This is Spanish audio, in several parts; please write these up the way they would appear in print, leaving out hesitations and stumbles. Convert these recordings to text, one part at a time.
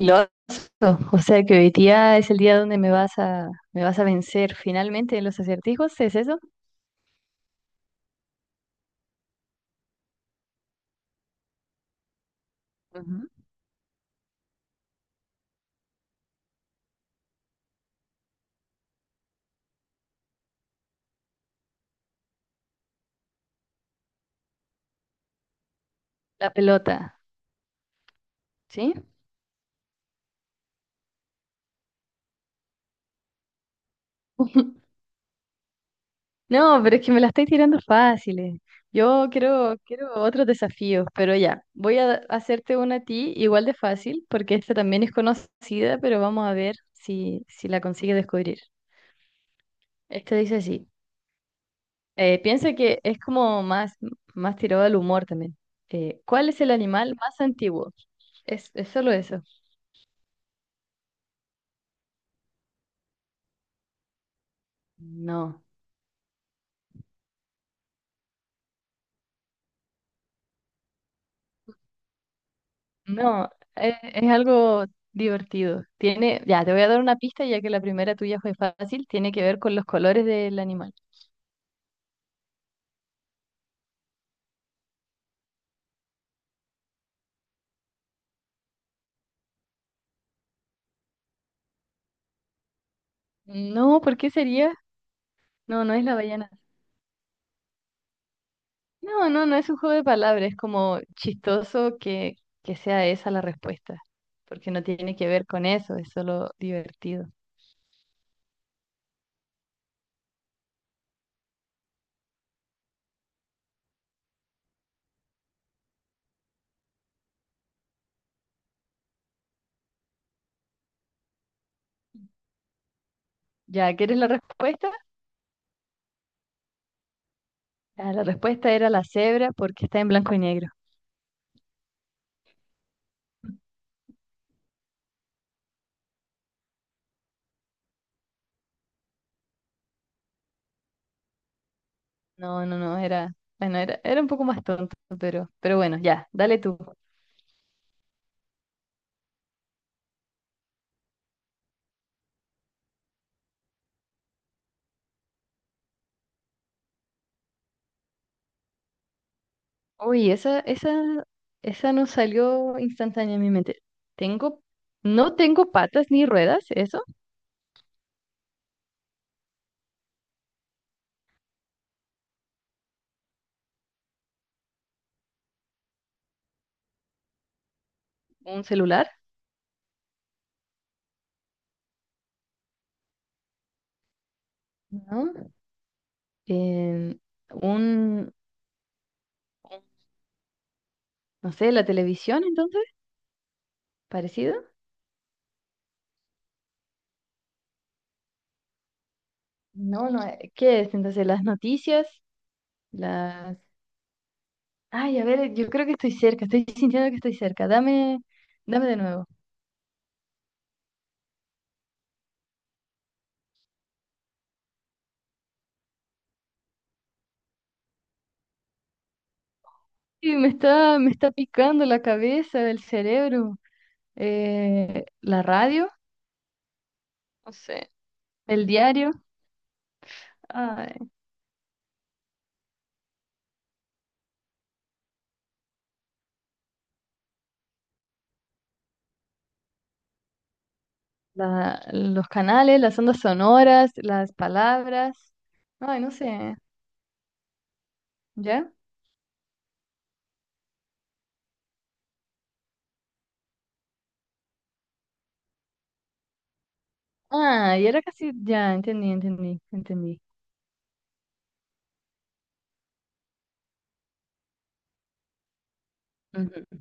Loco, o sea que hoy día es el día donde me vas a vencer finalmente en los acertijos, ¿es eso? Ujú. La pelota, ¿sí? No, pero es que me la estoy tirando fáciles. Yo quiero otros desafíos, pero ya, voy a hacerte una a ti igual de fácil, porque esta también es conocida, pero vamos a ver si la consigues descubrir. Esta dice así, piensa que es como más tirado al humor también. ¿cuál es el animal más antiguo? Es solo eso. No, no, es algo divertido. Tiene, ya, te voy a dar una pista ya que la primera tuya fue fácil, tiene que ver con los colores del animal. No, ¿por qué sería? No, no es la ballena. No, no, no es un juego de palabras, es como chistoso que sea esa la respuesta, porque no tiene que ver con eso, es solo divertido. ¿Ya quieres la respuesta? Ah, la respuesta era la cebra porque está en blanco y negro. No, no, no, era, bueno, era un poco más tonto, pero bueno, ya, dale tú. Uy, esa no salió instantánea en mi mente. Tengo, no tengo patas ni ruedas, eso, un celular, ¿no? Em, un, un- no sé, la televisión, entonces, parecido. No, no, ¿qué es? Entonces, las noticias, las... Ay, a ver, yo creo que estoy cerca, estoy sintiendo que estoy cerca. Dame, dame de nuevo. Sí, me está picando la cabeza, el cerebro, la radio, no sé, el diario. Ay. Los canales, las ondas sonoras, las palabras. Ay, no sé. ¿Ya? Ah, y era casi. Ya, entendí. Ujú.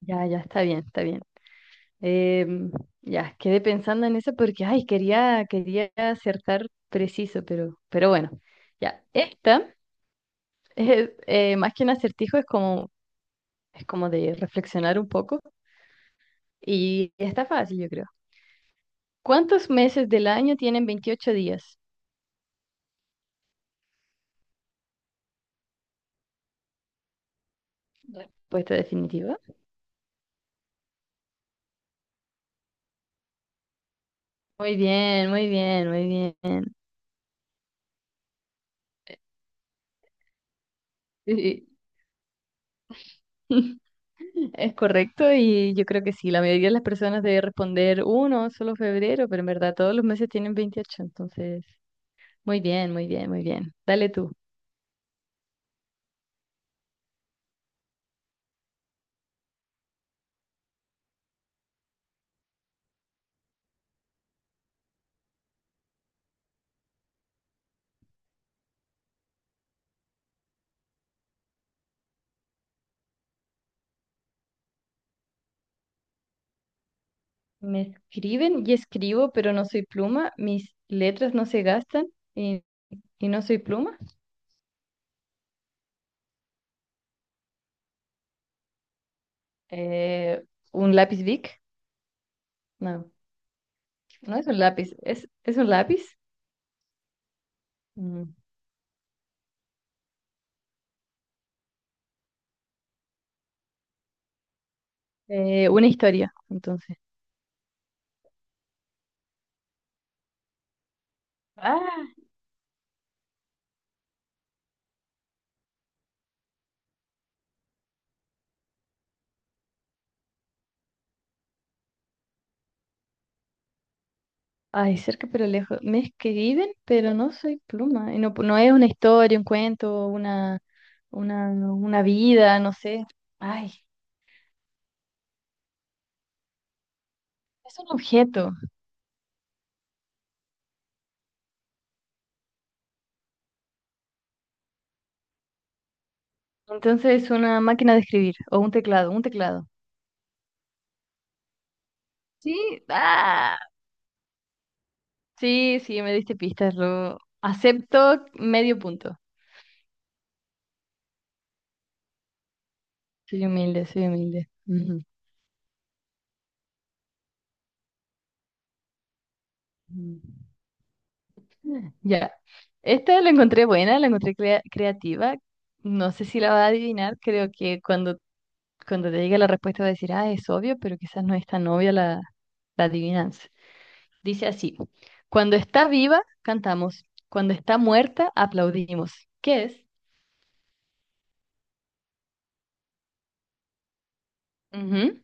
Ya, ya, está bien, está bien. Em, ya, quedé pensando en eso porque, ay, quería acertar preciso, pero bueno. Ya, esta es, más que un acertijo, es es como de reflexionar un poco. Y está fácil, yo creo. ¿Cuántos meses del año tienen 28 días? Respuesta definitiva. Muy bien, muy bien, muy bien. Sí, sí. Es correcto y yo creo que sí, la mayoría de las personas debe responder uno, solo febrero, pero en verdad todos los meses tienen 28 entonces, muy bien, muy bien, muy bien. Dale tú. Me escriben y escribo, pero no soy pluma, mis letras no se gastan y, y no soy pluma. Eh, ¿Un lápiz Bic? No, no es un lápiz, es un lápiz. Mm. Una historia, entonces. Ah. Ay, cerca pero lejos. Me escriben, pero no soy pluma. Y no, no es una historia, un cuento, una vida, no sé. Ay, es un objeto. Entonces es una máquina de escribir o un teclado. Sí, ah, sí, sí, me diste pistas. Lo acepto medio punto. Soy humilde, soy humilde. Ujú. Mm. Ya. Esta la encontré buena, la encontré creativa. No sé si la va a adivinar. Creo que cuando te llegue la respuesta va a decir, ah, es obvio, pero quizás no es tan obvia la adivinanza. Dice así, cuando está viva, cantamos, cuando está muerta, aplaudimos. ¿Qué es? Ujú.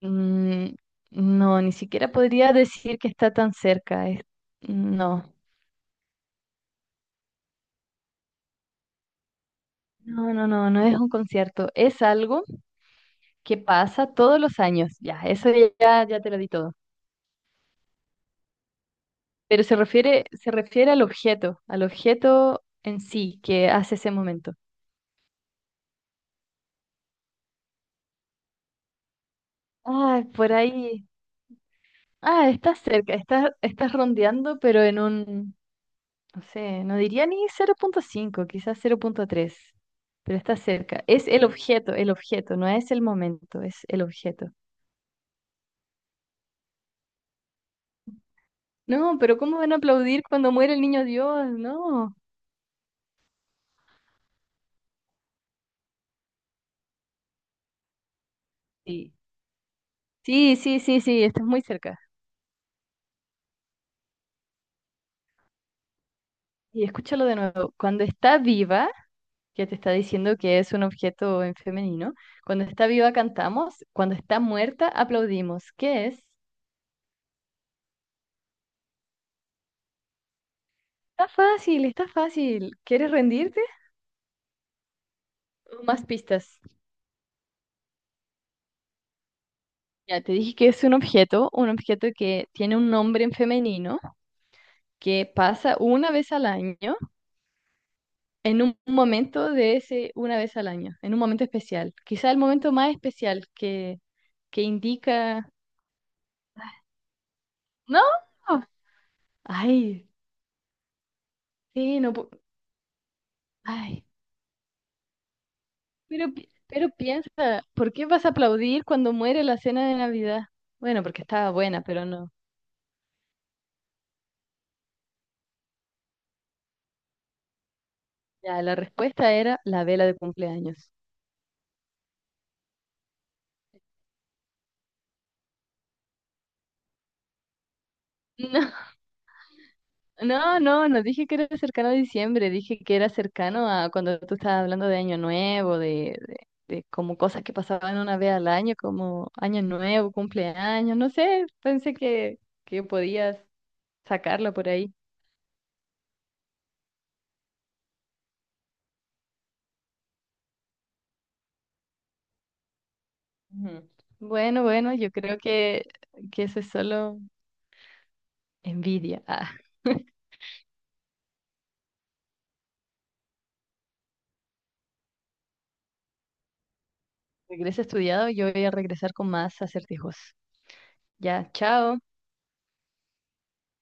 Mm, no, ni siquiera podría decir que está tan cerca. No, no, no, no, no es un concierto. Es algo que pasa todos los años. Ya, eso ya, ya te lo di todo. Pero se refiere al objeto en sí que hace ese momento. Ay, por ahí. Ah, está cerca, estás rondeando, pero en no sé, no diría ni cero punto cinco, quizás cero punto tres, pero está cerca. Es el objeto, no es el momento, es el objeto. No, pero ¿cómo van a aplaudir cuando muere el niño Dios? No. Sí, sí, sí, sí, sí, estás muy cerca. Y escúchalo de nuevo. Cuando está viva, que te está diciendo que es un objeto en femenino, cuando está viva cantamos, cuando está muerta aplaudimos. ¿Qué es? Está fácil, está fácil. ¿Quieres rendirte? Más pistas. Ya te dije que es un objeto que tiene un nombre en femenino, que pasa una vez al año, en un momento de ese una vez al año, en un momento especial. Quizá el momento más especial que indica... No, ay, sí, no... Ay, pero piensa, ¿por qué vas a aplaudir cuando muere la cena de Navidad? Bueno, porque estaba buena, pero no. Ya, la respuesta era la vela de cumpleaños. No, no, no, no dije que era cercano a diciembre, dije que era cercano a cuando tú estabas hablando de Año Nuevo, de como cosas que pasaban una vez al año, como Año Nuevo, cumpleaños, no sé, pensé que podías sacarlo por ahí. Ujú. Bueno, bueno, yo creo que eso es solo envidia. Ah, regreso estudiado, yo voy a regresar con más acertijos. Ya, chao.